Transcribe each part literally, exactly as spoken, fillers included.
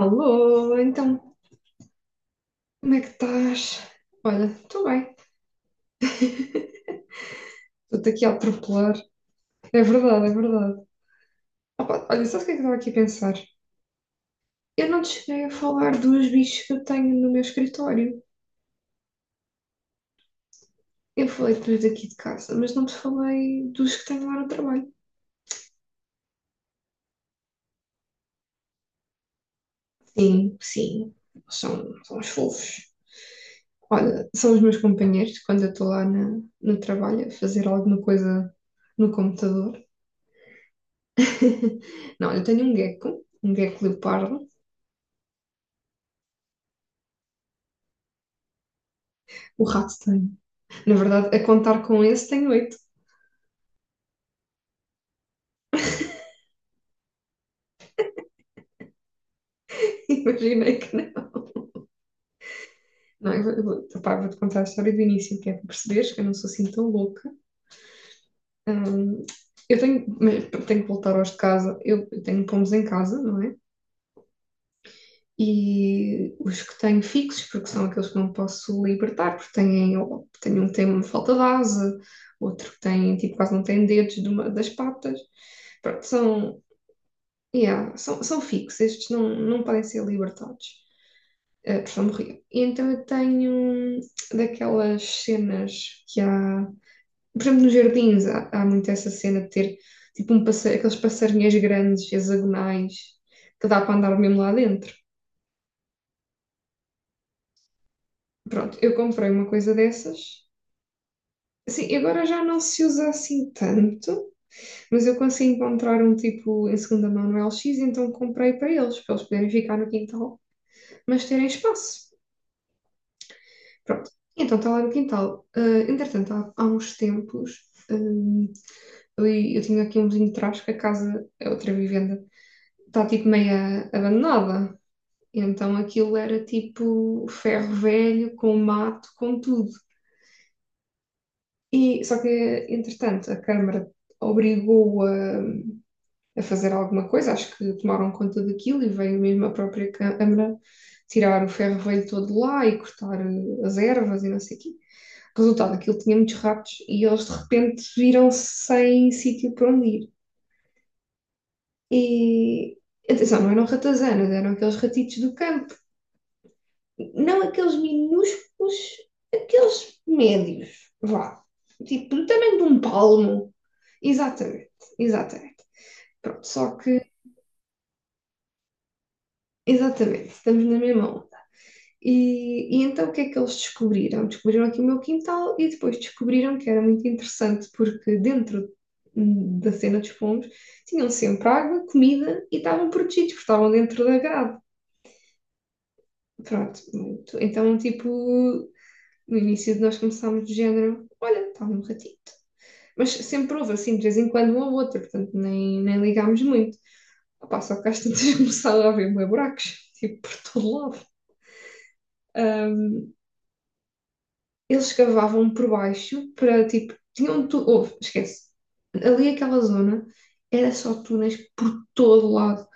Alô, então, como é que estás? Olha, estou bem, estou-te aqui a atropelar. É verdade, é verdade. Opa, olha, sabes o que é que estava aqui a pensar? Eu não te cheguei a falar dos bichos que eu tenho no meu escritório. Eu falei dos daqui de casa, mas não te falei dos que tenho lá no trabalho. Sim, sim, são, são os fofos. Olha, são os meus companheiros quando eu estou lá na, no trabalho a fazer alguma coisa no computador. Não, eu tenho um gecko, um gecko leopardo. O rato tem. Na verdade, a contar com esse tem oito. Imaginei que não. Não, eu vou, eu vou, opá, vou-te contar a história do início, que é para perceberes que eu não sou assim tão louca. Hum, eu tenho, tenho que voltar aos de casa. Eu, eu tenho pomos em casa, não é? E os que tenho fixos, porque são aqueles que não posso libertar, porque têm, ou, tenho um tem uma falta de asa, outro que tem, tipo, quase não tem dedos de uma, das patas. Pronto, são, yeah, são, são fixos. Estes não, não podem ser libertados. eh, Portugal morria. E então eu tenho daquelas cenas que há. Por exemplo, nos jardins há, há muito essa cena de ter tipo um passe- aqueles passarinhos grandes, hexagonais, que dá para andar mesmo lá dentro. Pronto, eu comprei uma coisa dessas. Sim, agora já não se usa assim tanto, mas eu consegui encontrar um tipo em segunda mão no L X, então comprei para eles, para eles poderem ficar no quintal, mas terem espaço. Pronto, então está lá no quintal. Ah, entretanto, há, há uns tempos, eh, ali, eu tinha aqui um vizinho de trás, que a casa é outra vivenda, está tipo meio abandonada. Então aquilo era tipo ferro velho, com mato, com tudo. E, só que, entretanto, a Câmara obrigou a, a fazer alguma coisa, acho que tomaram conta daquilo e veio mesmo a própria Câmara tirar o ferro velho todo lá e cortar eh, as ervas e não sei o quê. Resultado, aquilo tinha muitos ratos e eles de repente viram-se sem sítio para onde ir. E atenção, não eram ratazanas, eram aqueles ratitos do campo, não aqueles minúsculos, aqueles médios, vá, tipo do tamanho de um palmo. Exatamente, exatamente. Pronto, só que, exatamente, estamos na mesma onda. E, e então o que é que eles descobriram? Descobriram aqui o meu quintal e depois descobriram que era muito interessante porque dentro da cena dos pombos tinham sempre água, comida e estavam protegidos porque estavam dentro da grade. Pronto, muito. Então, tipo, no início nós começámos do género, olha, está um ratito. Mas sempre houve, assim, de vez em quando, um ou outro, portanto, nem, nem ligámos muito. Opa, só que às tantas começaram a haver buracos, tipo, por todo lado. Ahm, eles cavavam por baixo para, tipo, tinham tudo, houve, esquece. Ali aquela zona era só túneis por todo lado.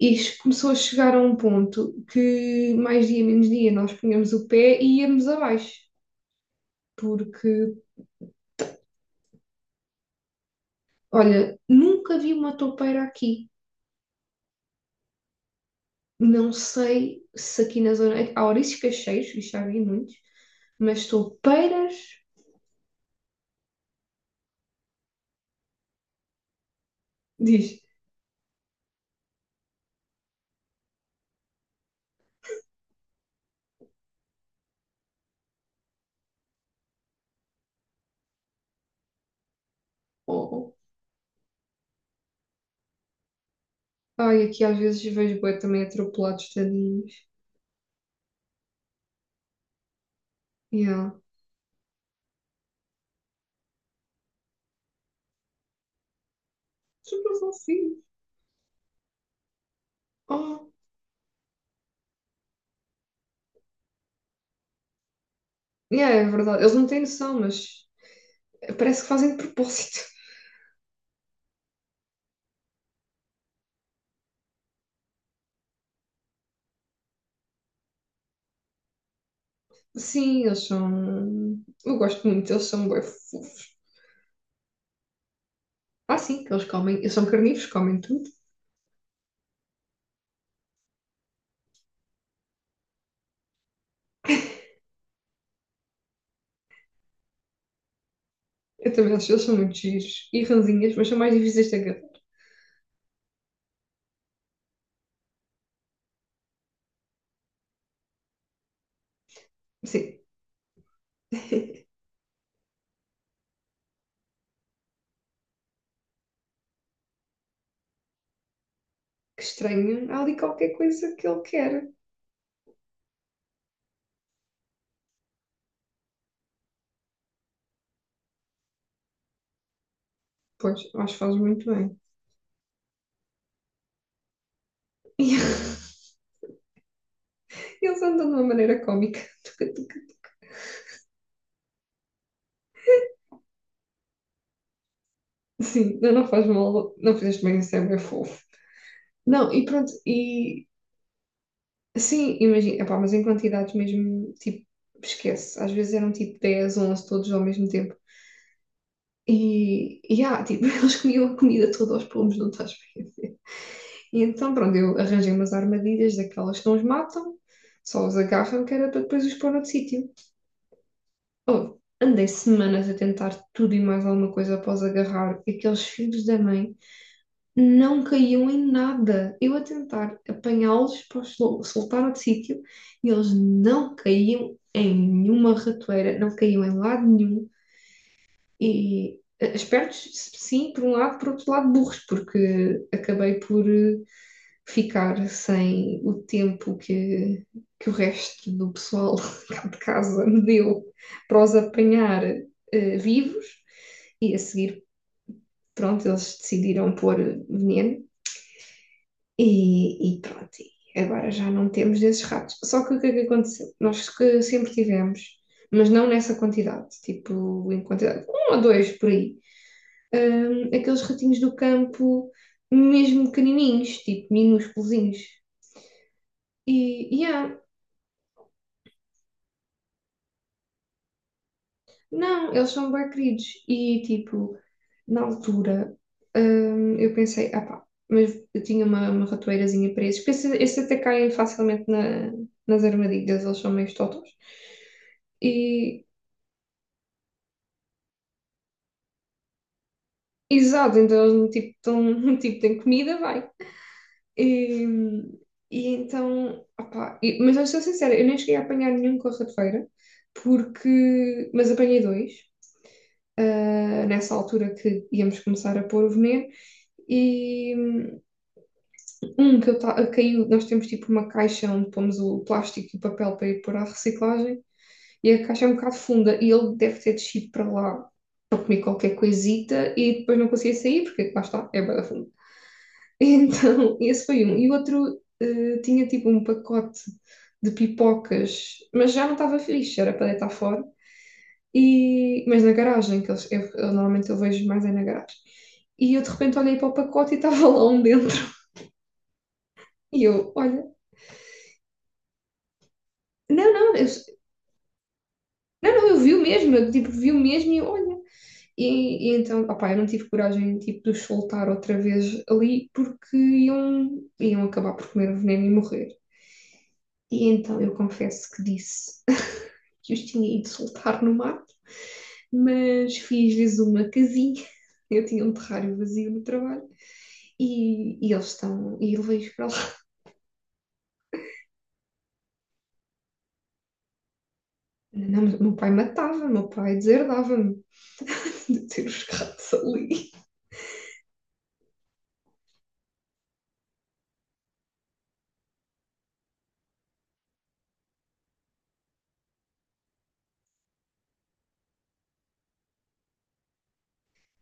E isto começou a chegar a um ponto que, mais dia, menos dia, nós punhamos o pé e íamos abaixo porque. Olha, nunca vi uma toupeira aqui. Não sei se aqui na zona. Há ouriços cacheiros, e já vi muitos, mas toupeiras, diz. Oh. Oh." Ai, aqui às vezes vejo bué também atropelados tadinhos. Yeah. Super fofinho. Oh. Yeah, é verdade. Eles não têm noção, mas parece que fazem de propósito. Sim, eles são. Eu gosto muito, eles são bué fofos. Ah, sim, que eles comem. Eles são carnívoros, comem tudo. Eu também acho que eles são muito giros e ranzinhas, mas são mais difíceis de agarrar. Sim, que estranho. Há ali qualquer coisa que ele quer. Pois, acho que faz muito bem. E eles andam de uma maneira cómica. Sim, não, não faz mal, não fizeste bem, isso é bem fofo. Não, e pronto, e sim, imagina, epá, mas em quantidades mesmo, tipo, esquece. Às vezes eram tipo dez onze todos ao mesmo tempo. E, e ah, tipo, eles comiam a comida toda aos pomos, não estás a ver? E então, pronto, eu arranjei umas armadilhas daquelas que não os matam, só os agarram, que era para depois os pôr noutro sítio. Oh, andei semanas a tentar tudo e mais alguma coisa após agarrar aqueles filhos da mãe, não caíam em nada. Eu a tentar apanhá-los para os sol- soltar outro sítio e eles não caíam em nenhuma ratoeira, não caíam em lado nenhum. E eh, espertos, sim, por um lado, por outro lado, burros, porque acabei por eh, ficar sem o tempo que, que o resto do pessoal cá de casa me deu para os apanhar eh, vivos e a seguir, pronto, eles decidiram pôr veneno e, e pronto, e agora já não temos desses ratos. Só que o que é que aconteceu? Nós que sempre tivemos, mas não nessa quantidade, tipo em quantidade, um ou dois por aí, hum, aqueles ratinhos do campo mesmo pequenininhos, tipo minúsculos. E, yeah, não, eles são bem queridos. E, tipo, na altura, hum, eu pensei, ah pá, mas eu tinha uma, uma ratoeirazinha para esses, porque esses, esses até caem facilmente na- nas armadilhas, eles são meio totós. E, exato, então eles, tipo, tão, tipo, têm comida, vai. E, e então, ah pá, e- mas eu sou sincera, eu nem cheguei a apanhar nenhum com a ratoeira, porque, mas apanhei dois. Ah, nessa altura que íamos começar a pôr o veneno. E hum, um que eu ta- eh, caiu, nós temos tipo uma caixa onde pomos o plástico e o papel para ir pôr à reciclagem, e a caixa é um bocado funda, e ele deve ter descido para lá para comer qualquer coisita e depois não conseguia sair, porque lá está, é bué da funda. Então, esse foi um. E o outro eh, tinha tipo um pacote de pipocas, mas já não estava fixe, era para deitar fora. E, mas na garagem, que eles, eu, eu normalmente eu vejo mais é na garagem. E eu de repente olhei para o pacote e estava lá um dentro. E eu, olha, não, não, eu, não, não, eu vi o mesmo, eu tipo, vi o mesmo e eu, olha. E, e então, opá, eu não tive coragem tipo, de os soltar outra vez ali porque iam, iam acabar por comer o veneno e morrer. E então eu confesso que disse que os tinha ido soltar no mato, mas fiz-lhes uma casinha. Eu tinha um terrário vazio no trabalho e, e eles estão. E levei-os para lá. Não, meu pai matava, meu pai deserdava-me de ter os gatos ali.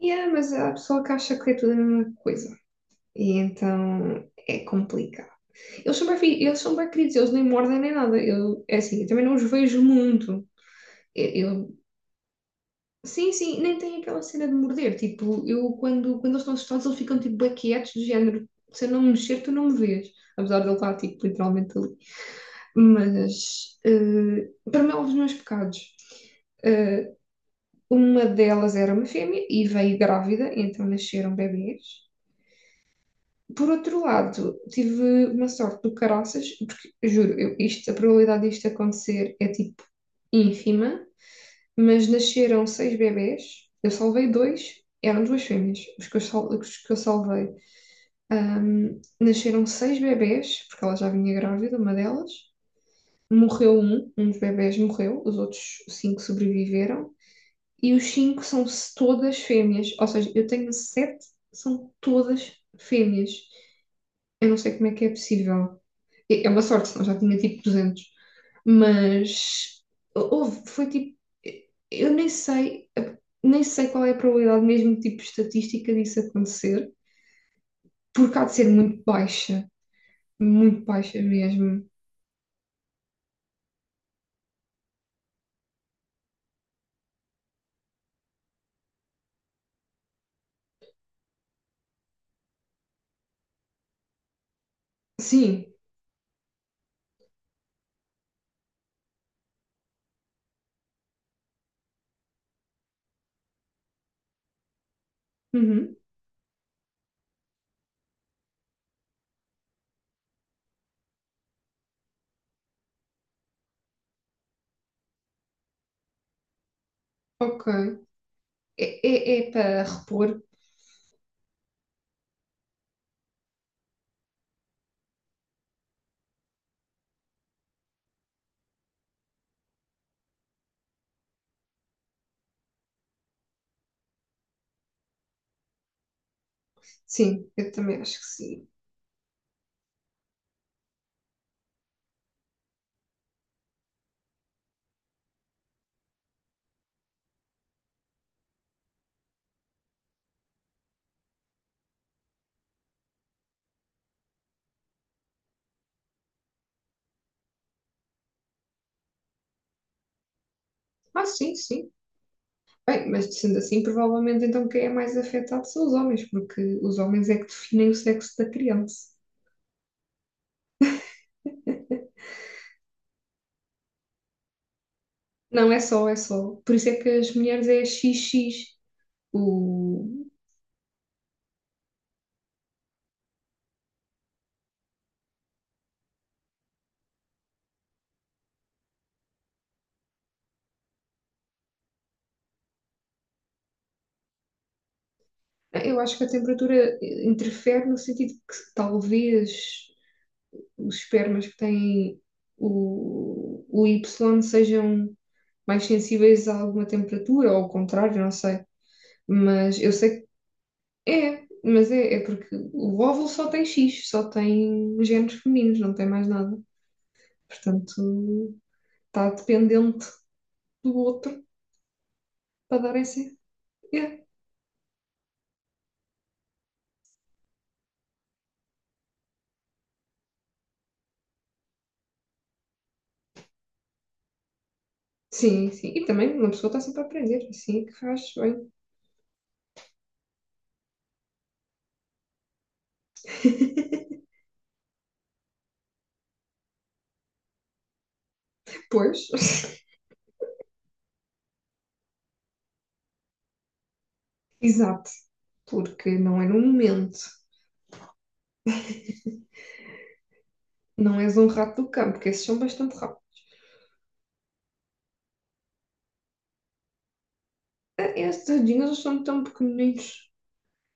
Yeah, mas há pessoa que acha que é tudo a mesma coisa. E então é complicado. Eles são bem, fi- eles são bem queridos, eles nem mordem nem nada. Eu, é assim, eu também não os vejo muito. Eu, eu Sim, sim, nem tem aquela cena de morder. Tipo, eu quando, quando eles estão assustados, eles ficam tipo bué quietos, do género, se eu não me mexer, tu não me vês. Apesar de ele estar tipo literalmente ali. Mas eh, para mim, houve os meus pecados. Eh, uma delas era uma fêmea e veio grávida, então nasceram bebês. Por outro lado, tive uma sorte do caraças, porque juro, eu, isto, a probabilidade disto acontecer é tipo ínfima, mas nasceram seis bebés, eu salvei dois, eram duas fêmeas, os que eu, sal- os que eu salvei. Ahm, nasceram seis bebés, porque ela já vinha grávida, uma delas. Morreu um, um dos bebés morreu, os outros cinco sobreviveram. E os cinco são se- todas fêmeas, ou seja, eu tenho sete, são todas fêmeas. Eu não sei como é que é possível. É é uma sorte, senão já tinha tipo duzentos. Mas houve, foi tipo, eu nem sei, nem sei, qual é a probabilidade mesmo, tipo, estatística disso acontecer, porque há de ser muito baixa, muito baixa mesmo. Sim, uhum, ok. É, é, é para repor? Sim, eu também acho que sim. Ah, sim, sim. Bem, mas sendo assim, provavelmente então quem é mais afetado são os homens, porque os homens é que definem o sexo da criança. Não é só, é só. Por isso é que as mulheres é X X. O, eu acho que a temperatura eh, interfere no sentido que talvez os espermas que têm o, o Y sejam mais sensíveis a alguma temperatura, ou ao contrário, não sei. Mas eu sei que é, mas é, é porque o óvulo só tem X, só tem genes femininos, não tem mais nada. Portanto, está dependente do outro para dar essa. É. Sim, sim. E também uma pessoa está sempre a aprender, assim é que faz bem. Pois. Exato, porque não é no momento, não és um rato do campo, porque esses são bastante rápidos. Estes tadinhos, eles são tão pequeninos.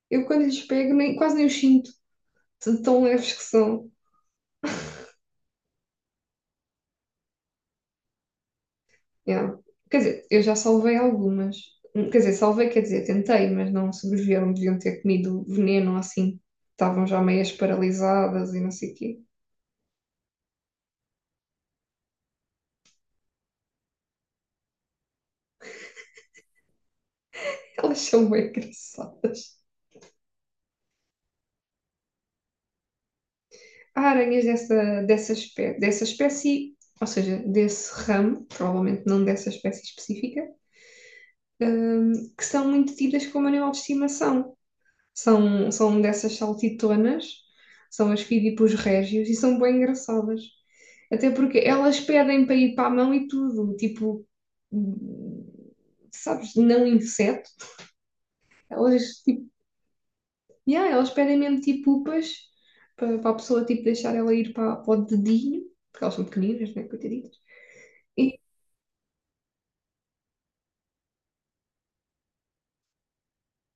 Eu quando lhes pego, nem, quase nem os sinto, de tão leves que são. Yeah. Quer dizer, eu já salvei algumas. Hum, Quer dizer, salvei, quer dizer, tentei, mas não sobreviveram, deviam ter comido veneno ou assim. Estavam já meias paralisadas e não sei o quê. Elas são bem engraçadas. Há aranhas dessa, dessa, espé- dessa espécie, ou seja, desse ramo, provavelmente não dessa espécie específica, hum, que são muito tidas como animal de estimação. São, são dessas saltitonas, são as fidipus régios e são bem engraçadas. Até porque elas pedem para ir para a mão e tudo, tipo, hum, sabes, não inseto. Elas, E yeah, elas pedem mesmo tipo upas para, para a pessoa tipo, deixar ela ir para, para o dedinho, porque elas são pequeninas, né? Coitaditas. E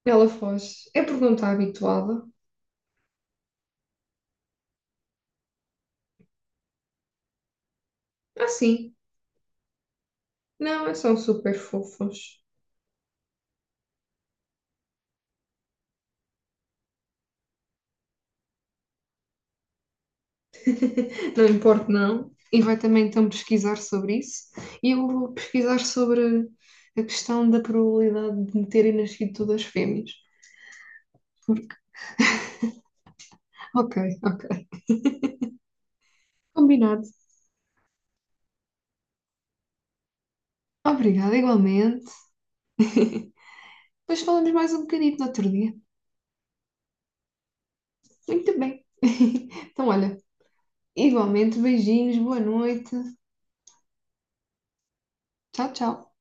ela foge. É porque não está habituada. Ah, sim. Não, é são super fofos. Não importa, não. E vai também então pesquisar sobre isso. E eu vou pesquisar sobre a questão da probabilidade de me terem nascido todas fêmeas. Porque- Ok, ok. Combinado. Obrigada, igualmente. Depois falamos mais um bocadinho no outro dia. Muito bem. Então, olha, igualmente, beijinhos, boa noite. Tchau, tchau.